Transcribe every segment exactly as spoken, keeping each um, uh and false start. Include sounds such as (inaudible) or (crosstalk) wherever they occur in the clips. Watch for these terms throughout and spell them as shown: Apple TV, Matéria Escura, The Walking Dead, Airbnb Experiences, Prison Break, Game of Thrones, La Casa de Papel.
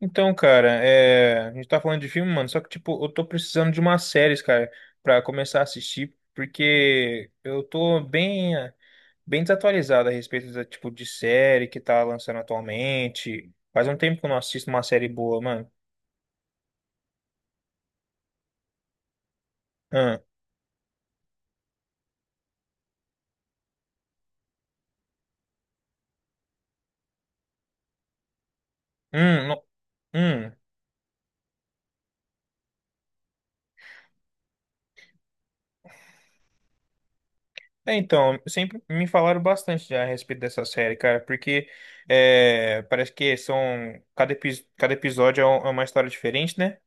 Então, cara, é, a gente tá falando de filme, mano, só que, tipo, eu tô precisando de umas séries, cara, pra começar a assistir, porque eu tô bem, bem desatualizado a respeito do tipo de série que tá lançando atualmente. Faz um tempo que eu não assisto uma série boa, mano. Hum, hum, no- hum. É, então, sempre me falaram bastante já a respeito dessa série, cara, porque é, parece que são, cada, epi- cada episódio é um- é uma história diferente, né?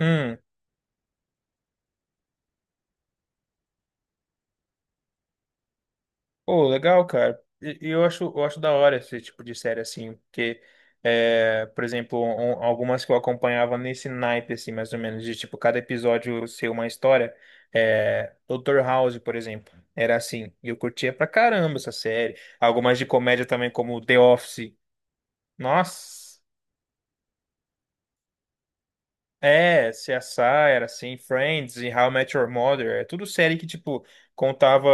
Hum. Pô, legal, cara. E e eu acho, eu acho da hora esse tipo de série, assim, porque, é, por exemplo, um- um, algumas que eu acompanhava nesse naipe, assim, mais ou menos, de, tipo, cada episódio ser uma história, é, doutor House, por exemplo, era assim, e eu curtia pra caramba essa série. Algumas de comédia também, como The Office. Nossa! É, C S I era assim, Friends e How I Met Your Mother, é tudo série que, tipo, contava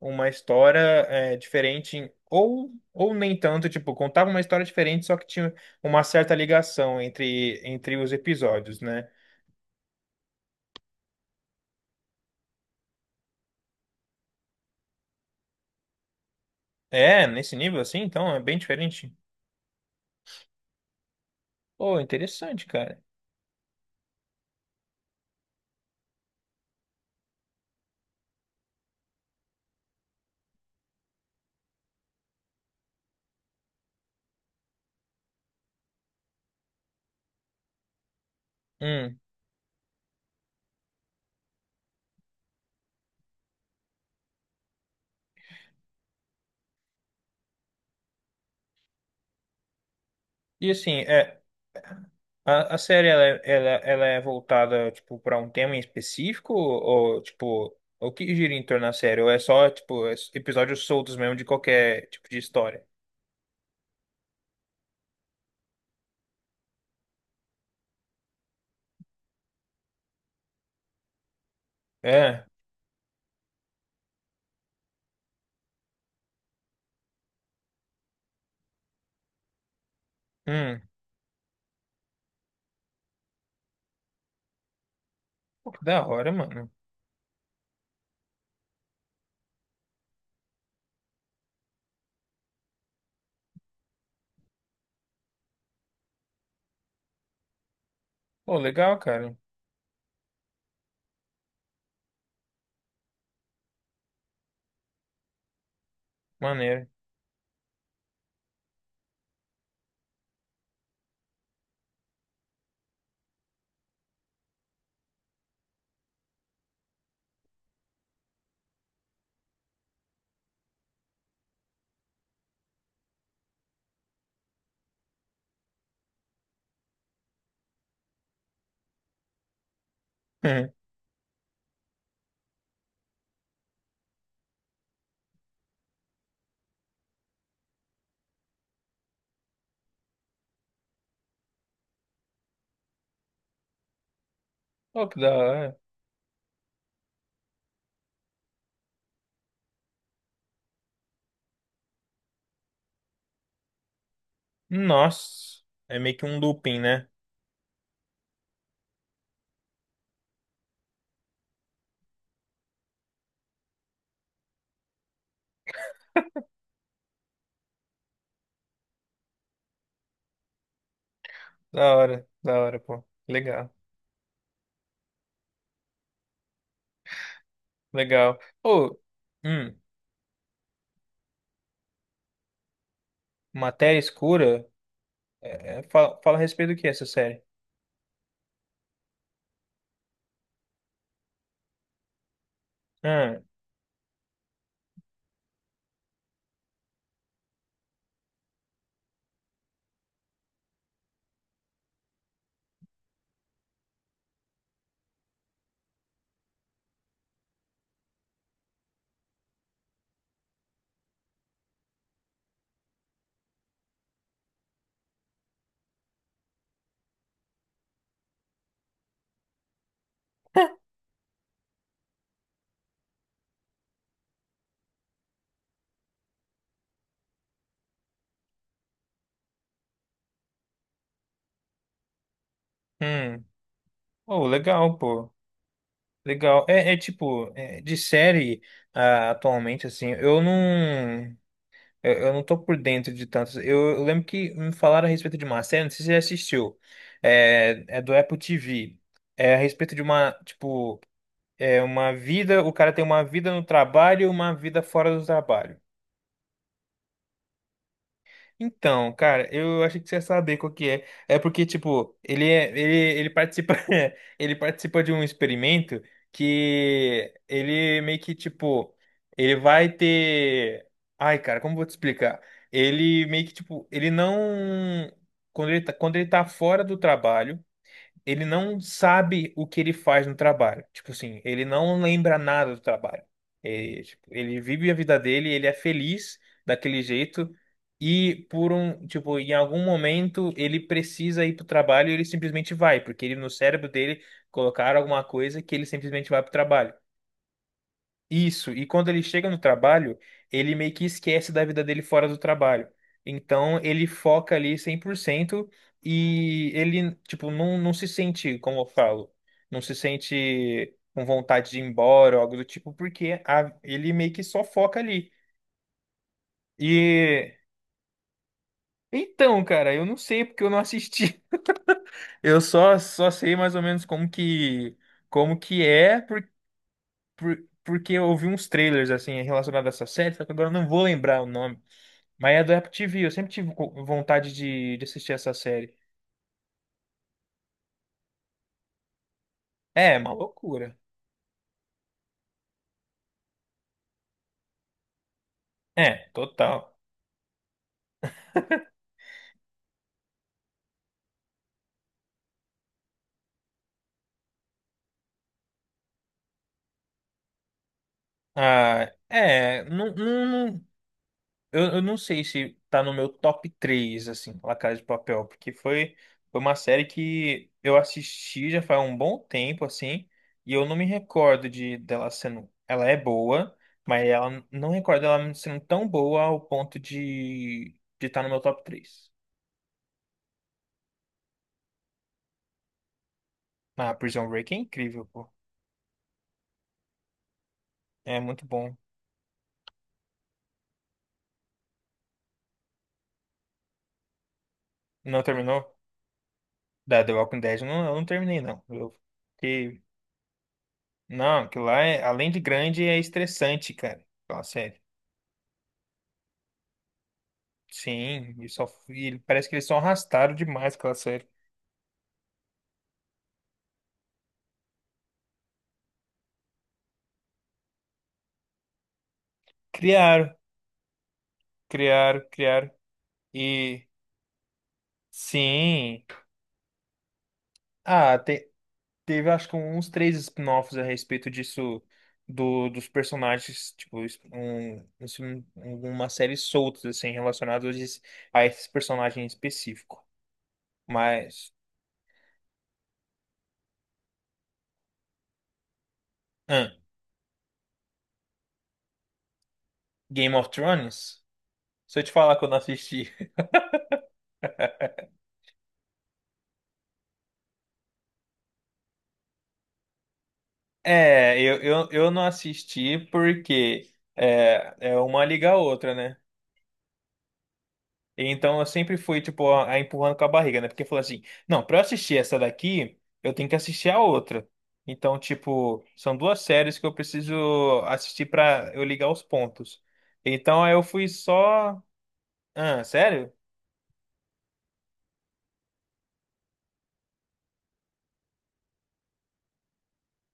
uma história é, diferente, em- ou, ou nem tanto, tipo, contava uma história diferente, só que tinha uma certa ligação entre, entre os episódios, né? É, nesse nível assim, então, é bem diferente. Pô, interessante, cara. Hum. E assim, é, A, a série ela, é- ela, ela é voltada tipo para um tema em específico, ou tipo o que gira em torno da série, ou é só tipo es- episódios soltos mesmo de qualquer tipo de história? É, hum, pô, que da hora, mano. Pô, legal, cara. Maneiro. (laughs) Pô, que da hora. Nossa, é meio que um looping, né? Da hora, da hora, pô. Legal, legal. Ô, hum, Matéria Escura, é, é, fala, fala a respeito do que essa série? Hum, hum. Pô, legal, pô. Legal. É, é tipo, é, de série, ah, atualmente, assim, eu não. Eu, eu não tô por dentro de tantos. Eu, eu lembro que me falaram a respeito de uma série, não sei se você já assistiu. É, é do Apple T V. É a respeito de uma, tipo, é uma vida, o cara tem uma vida no trabalho e uma vida fora do trabalho. Então, cara, eu achei que você ia saber qual que é. É porque, tipo, ele é, ele, ele participa, (laughs) ele participa de um experimento que ele meio que, tipo, ele vai ter. Ai, cara, como eu vou te explicar? Ele meio que, tipo, ele não. Quando ele tá, quando ele tá fora do trabalho, ele não sabe o que ele faz no trabalho. Tipo assim, ele não lembra nada do trabalho. É, tipo, ele vive a vida dele, ele é feliz daquele jeito, e por um, tipo, em algum momento ele precisa ir pro trabalho e ele simplesmente vai, porque ele no cérebro dele colocaram alguma coisa que ele simplesmente vai pro trabalho. Isso, e quando ele chega no trabalho, ele meio que esquece da vida dele fora do trabalho. Então, ele foca ali cem por cento e ele, tipo, não, não se sente, como eu falo, não se sente com vontade de ir embora ou algo do tipo, porque a- ele meio que só foca ali. E então, cara, eu não sei porque eu não assisti. (laughs) Eu só, só sei mais ou menos como que, como que é, por, por- porque eu ouvi uns trailers assim relacionados a essa série, só que agora eu não vou lembrar o nome. Mas é do Apple T V, eu sempre tive co- vontade de, de assistir essa série. É, uma loucura. É, total. Ah, é, não, não, não, eu, eu não sei se tá no meu top três, assim, La Casa de Papel, porque foi, foi uma série que eu assisti já faz um bom tempo, assim, e eu não me recordo de dela sendo. Ela é boa, mas ela não recordo ela sendo tão boa ao ponto de de estar no meu top três. Ah, Prison Break é incrível, pô. É muito bom. Não terminou? Da The Walking Dead, eu não, eu não terminei, não. Eu fiquei... Não, aquilo lá, é, além de grande, é estressante, cara. Aquela série. Sim, e só, e parece que eles só arrastaram demais aquela série. Criaram, criaram, criaram. E, sim... Ah, te- teve acho que uns três spin-offs a respeito disso, do, dos personagens, tipo, es- um, uns- um- uma série soltas, assim, relacionadas a esse a esse personagem específico. Mas... ah, Game of Thrones? Se eu te falar que eu não assisti. (laughs) É, eu, eu, eu não assisti porque é, é uma liga a outra, né? Então eu sempre fui, tipo, a, a empurrando com a barriga, né? Porque falou assim: não, pra eu assistir essa daqui, eu tenho que assistir a outra. Então, tipo, são duas séries que eu preciso assistir pra eu ligar os pontos. Então aí eu fui só. Ah, sério?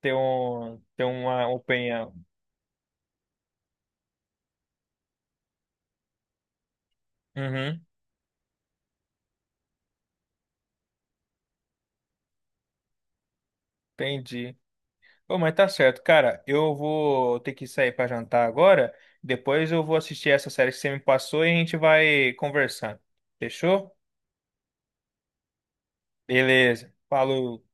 Ter um, ter uma opinião. Uhum, entendi. Pô, mas tá certo, cara. Eu vou ter que sair pra jantar agora. Depois eu vou assistir essa série que você me passou e a gente vai conversando. Fechou? Beleza. Falou.